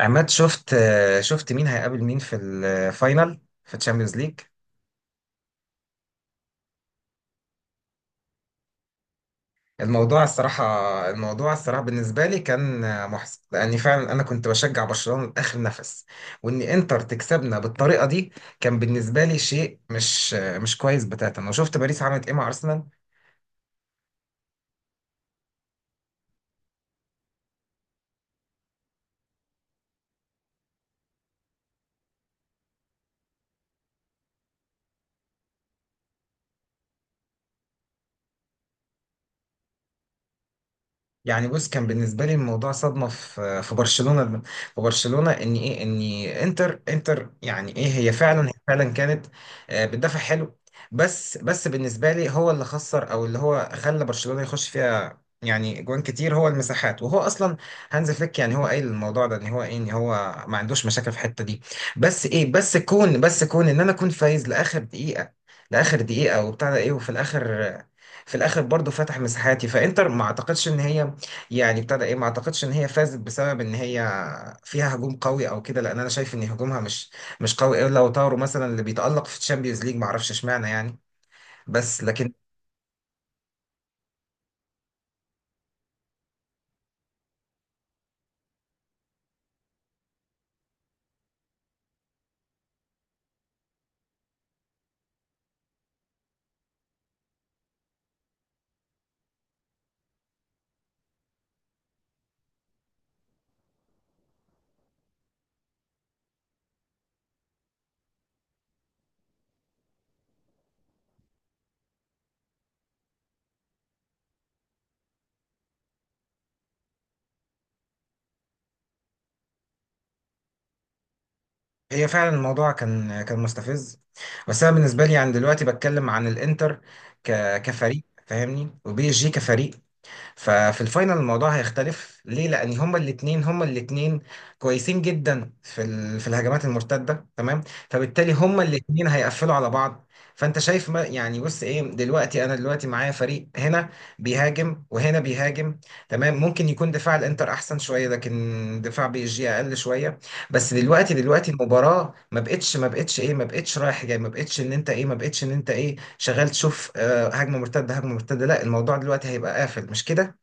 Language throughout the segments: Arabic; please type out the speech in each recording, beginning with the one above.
عماد، شفت مين هيقابل مين في الفاينل في تشامبيونز ليج؟ الموضوع الصراحة الموضوع الصراحة بالنسبة لي كان محزن، لأني فعلا أنا كنت بشجع برشلونة لآخر نفس، وإن إنتر تكسبنا بالطريقة دي كان بالنسبة لي شيء مش كويس بتاتا. أنا شفت باريس عملت إيه مع أرسنال. يعني بص، كان بالنسبه لي الموضوع صدمه في برشلونه، في برشلونه ان ايه ان انتر يعني ايه هي فعلا، هي فعلا كانت بتدافع حلو. بس بالنسبه لي هو اللي خسر، او اللي هو خلى برشلونه يخش فيها يعني جوان كتير، هو المساحات. وهو اصلا هانز فليك يعني هو قايل الموضوع ده، ان هو ما عندوش مشاكل في الحته دي. بس ايه، بس كون ان انا كنت فايز لاخر دقيقه، وبتاع ده ايه وفي الاخر آه، في الاخر برضو فتح مساحاتي، فانتر ما اعتقدش ان هي يعني ابتدى ايه ما اعتقدش ان هي فازت بسبب ان هي فيها هجوم قوي او كده، لان انا شايف ان هجومها مش قوي، الا لو طاروا مثلا اللي بيتألق في الشامبيونز ليج، ما اعرفش اشمعنى يعني. بس لكن هي فعلا الموضوع كان مستفز. بس انا بالنسبه لي يعني دلوقتي بتكلم عن الانتر ك كفريق فاهمني، وبي اس جي كفريق. ففي الفاينل الموضوع هيختلف، ليه؟ لان هما الاثنين كويسين جدا في في الهجمات المرتده، تمام؟ فبالتالي هما الاثنين هيقفلوا على بعض. فانت شايف، ما يعني بص ايه، دلوقتي انا دلوقتي معايا فريق هنا بيهاجم وهنا بيهاجم، تمام. ممكن يكون دفاع الانتر احسن شويه، لكن دفاع بي اس جي اقل شويه. بس دلوقتي، دلوقتي المباراه ما بقتش رايح جاي، ما بقتش ان انت ايه ما بقتش ان انت شغال تشوف هجمه مرتده، هجمه مرتده. لا، الموضوع دلوقتي هيبقى قافل، مش كده؟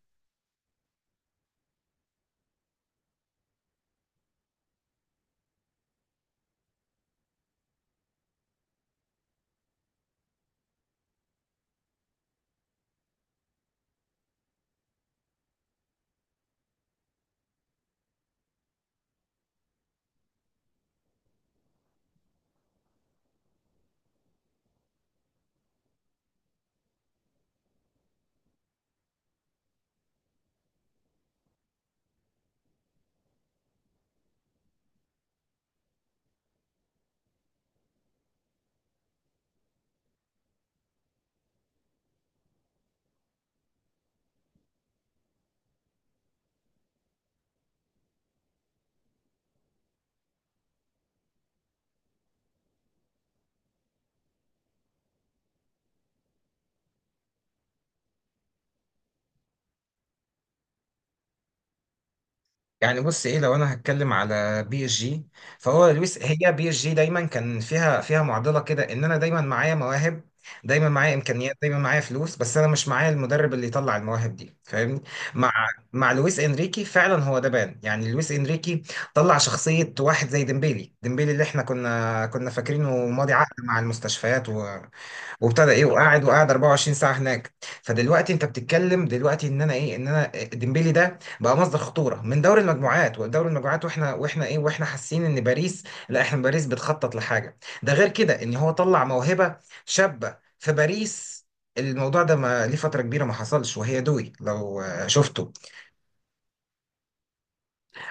يعني بص ايه، لو انا هتكلم على بي اس جي، فهو لويس، هي بي اس جي دايما كان فيها، فيها معضله كده، ان انا دايما معايا مواهب، دايما معايا امكانيات، دايما معايا فلوس، بس انا مش معايا المدرب اللي يطلع المواهب دي، فاهمني؟ مع مع لويس انريكي فعلا هو ده بان. يعني لويس انريكي طلع شخصيه واحد زي ديمبيلي، اللي احنا كنا فاكرينه ماضي عقد مع المستشفيات، وابتدى ايه وقاعد 24 ساعه هناك. فدلوقتي انت بتتكلم دلوقتي ان انا ديمبلي ده بقى مصدر خطوره من دوري المجموعات، ودوري المجموعات واحنا واحنا ايه واحنا حاسين ان باريس، لا، احنا باريس بتخطط لحاجه ده، غير كده ان هو طلع موهبه شابه في باريس. الموضوع ده ما ليه فترة كبيرة ما حصلش، وهي دوي لو شفته.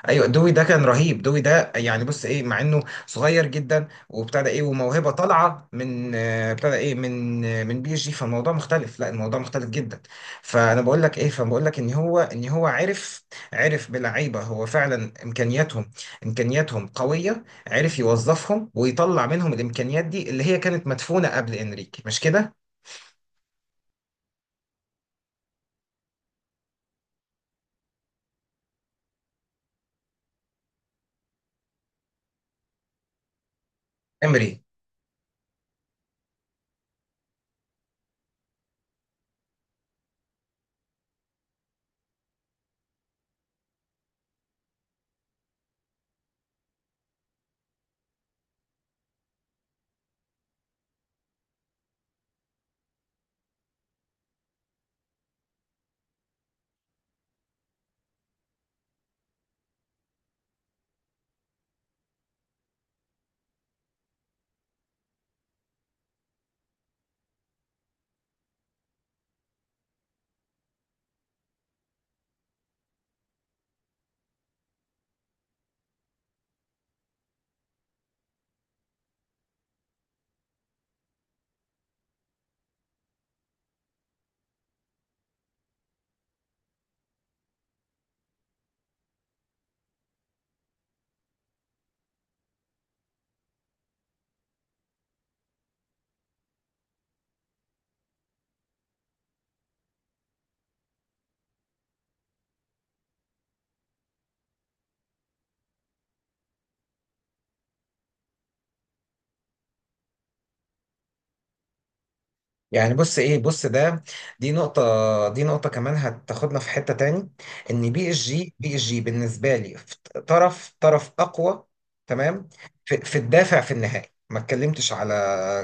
ايوه، دوي ده كان رهيب. دوي ده يعني بص ايه، مع انه صغير جدا، وابتدى ايه وموهبه طالعه من آه، ابتدى ايه من آه، من بي اس جي، فالموضوع مختلف، لا الموضوع مختلف جدا. فانا بقول لك ايه، فبقول لك ان هو، ان هو عرف بلعيبه، هو فعلا امكانياتهم قويه، عرف يوظفهم ويطلع منهم الامكانيات دي اللي هي كانت مدفونه قبل انريكي، مش كده؟ امري. يعني بص ايه، بص ده دي نقطة، دي نقطة كمان هتاخدنا في حتة تاني، ان بي اس جي بالنسبة لي في طرف اقوى، تمام؟ في الدافع في النهائي. ما اتكلمتش على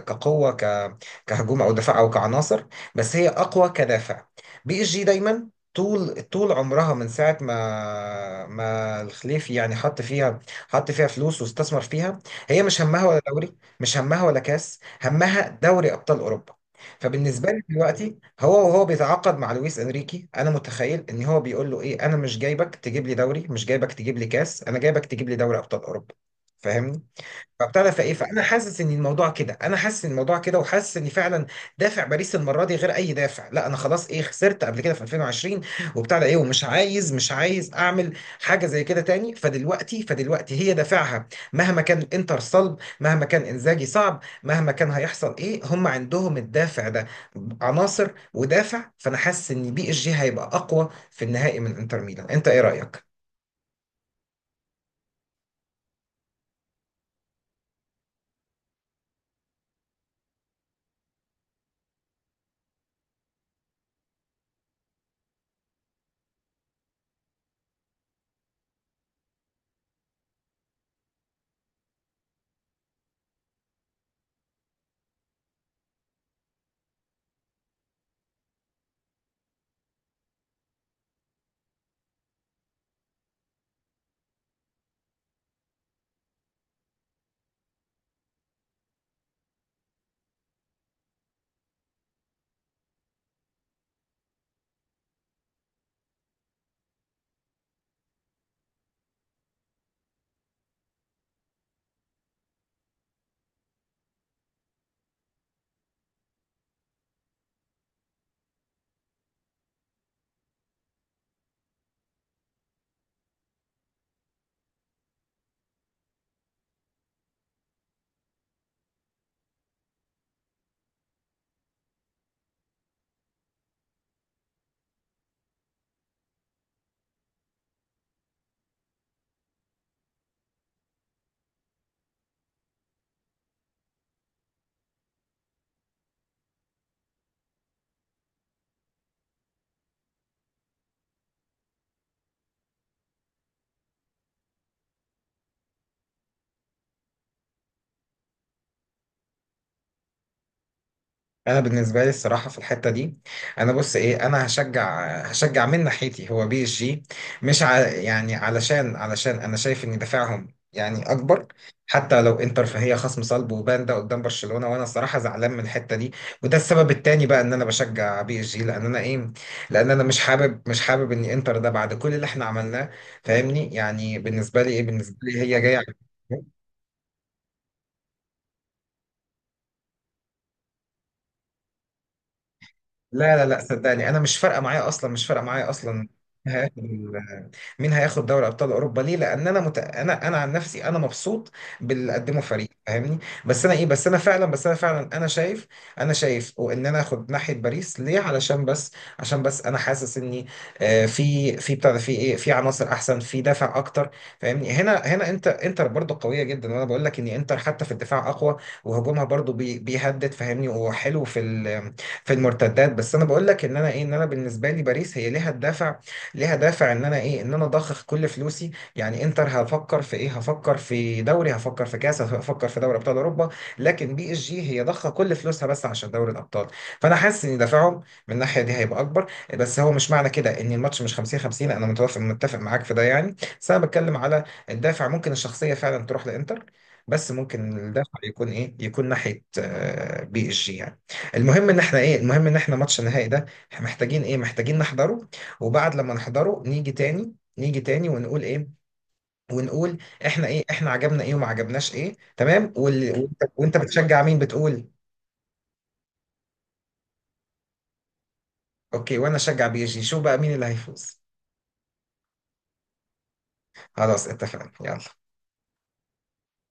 كقوة، كهجوم او دفاع او كعناصر، بس هي اقوى كدافع. بي اس جي دايما، طول عمرها من ساعة ما الخليفي يعني حط فيها فلوس واستثمر فيها، هي مش همها ولا دوري، مش همها ولا كاس، همها دوري ابطال اوروبا. فبالنسبه لي دلوقتي هو، وهو بيتعاقد مع لويس انريكي، انا متخيل ان هو بيقول له ايه: انا مش جايبك تجيب لي دوري، مش جايبك تجيب لي كاس، انا جايبك تجيب لي دوري ابطال اوروبا، فاهمني؟ فابتدى فايه فانا حاسس ان الموضوع كده، وحاسس ان فعلا دافع باريس المره دي غير اي دافع. لا، انا خلاص ايه، خسرت قبل كده في 2020، وبتاع ده ايه، ومش عايز مش عايز اعمل حاجه زي كده تاني. فدلوقتي، هي دافعها مهما كان الانتر صلب، مهما كان انزاجي صعب، مهما كان هيحصل ايه، هم عندهم الدافع ده. عناصر ودافع، فانا حاسس ان بي اس جي هيبقى اقوى في النهائي من انتر ميلان. انت ايه رايك؟ انا بالنسبه لي الصراحه في الحته دي، انا بص ايه، انا هشجع من ناحيتي هو بي اس جي. مش ع... يعني علشان انا شايف ان دفاعهم يعني اكبر، حتى لو انتر فهي خصم صلب، وبان ده قدام برشلونه، وانا الصراحه زعلان من الحته دي. وده السبب التاني بقى ان انا بشجع بي اس جي، لان انا ايه، لان انا مش حابب ان انتر ده بعد كل اللي احنا عملناه، فاهمني؟ يعني بالنسبه لي هي جايه. لا لا لا، صدقني انا مش فارقه معايا اصلا، مش فارقه معايا اصلا. مين هياخد دوري ابطال اوروبا، ليه؟ لان انا انا عن نفسي انا مبسوط باللي قدمه فريق، فاهمني؟ بس انا ايه، بس انا فعلا انا شايف. وان انا اخد ناحيه باريس ليه؟ علشان بس عشان بس انا حاسس اني آه، في في بتاع ده، في ايه في عناصر احسن، في دافع اكتر، فاهمني؟ هنا انت، انتر برضه قويه جدا، وانا بقول لك ان انتر حتى في الدفاع اقوى، وهجومها برضه بيهدد فاهمني، وحلو في في المرتدات. بس انا بقول لك ان انا ايه، ان انا بالنسبه لي باريس هي ليها الدافع، ليها دافع ان انا اضخ كل فلوسي. يعني انتر هفكر في دوري، هفكر في كاس، هفكر في دوري ابطال اوروبا، لكن بي اس جي هي ضخه كل فلوسها بس عشان دوري الابطال. فانا حاسس ان دافعهم من الناحيه دي هيبقى اكبر. بس هو مش معنى كده ان الماتش مش 50-50، انا متفق معاك في ده يعني، بس انا بتكلم على الدافع. ممكن الشخصيه فعلا تروح لانتر، بس ممكن الدافع يكون ايه، يكون ناحيه بي اس جي يعني. المهم ان احنا ايه، المهم ان احنا ماتش النهائي ده احنا محتاجين ايه، محتاجين نحضره، وبعد لما نحضره نيجي تاني، ونقول ايه، ونقول احنا ايه، احنا عجبنا ايه وما عجبناش ايه، تمام. وانت، بتشجع مين، بتقول؟ اوكي، وانا اشجع بيجي شو، بقى مين اللي هيفوز. خلاص، اتفقنا يلا.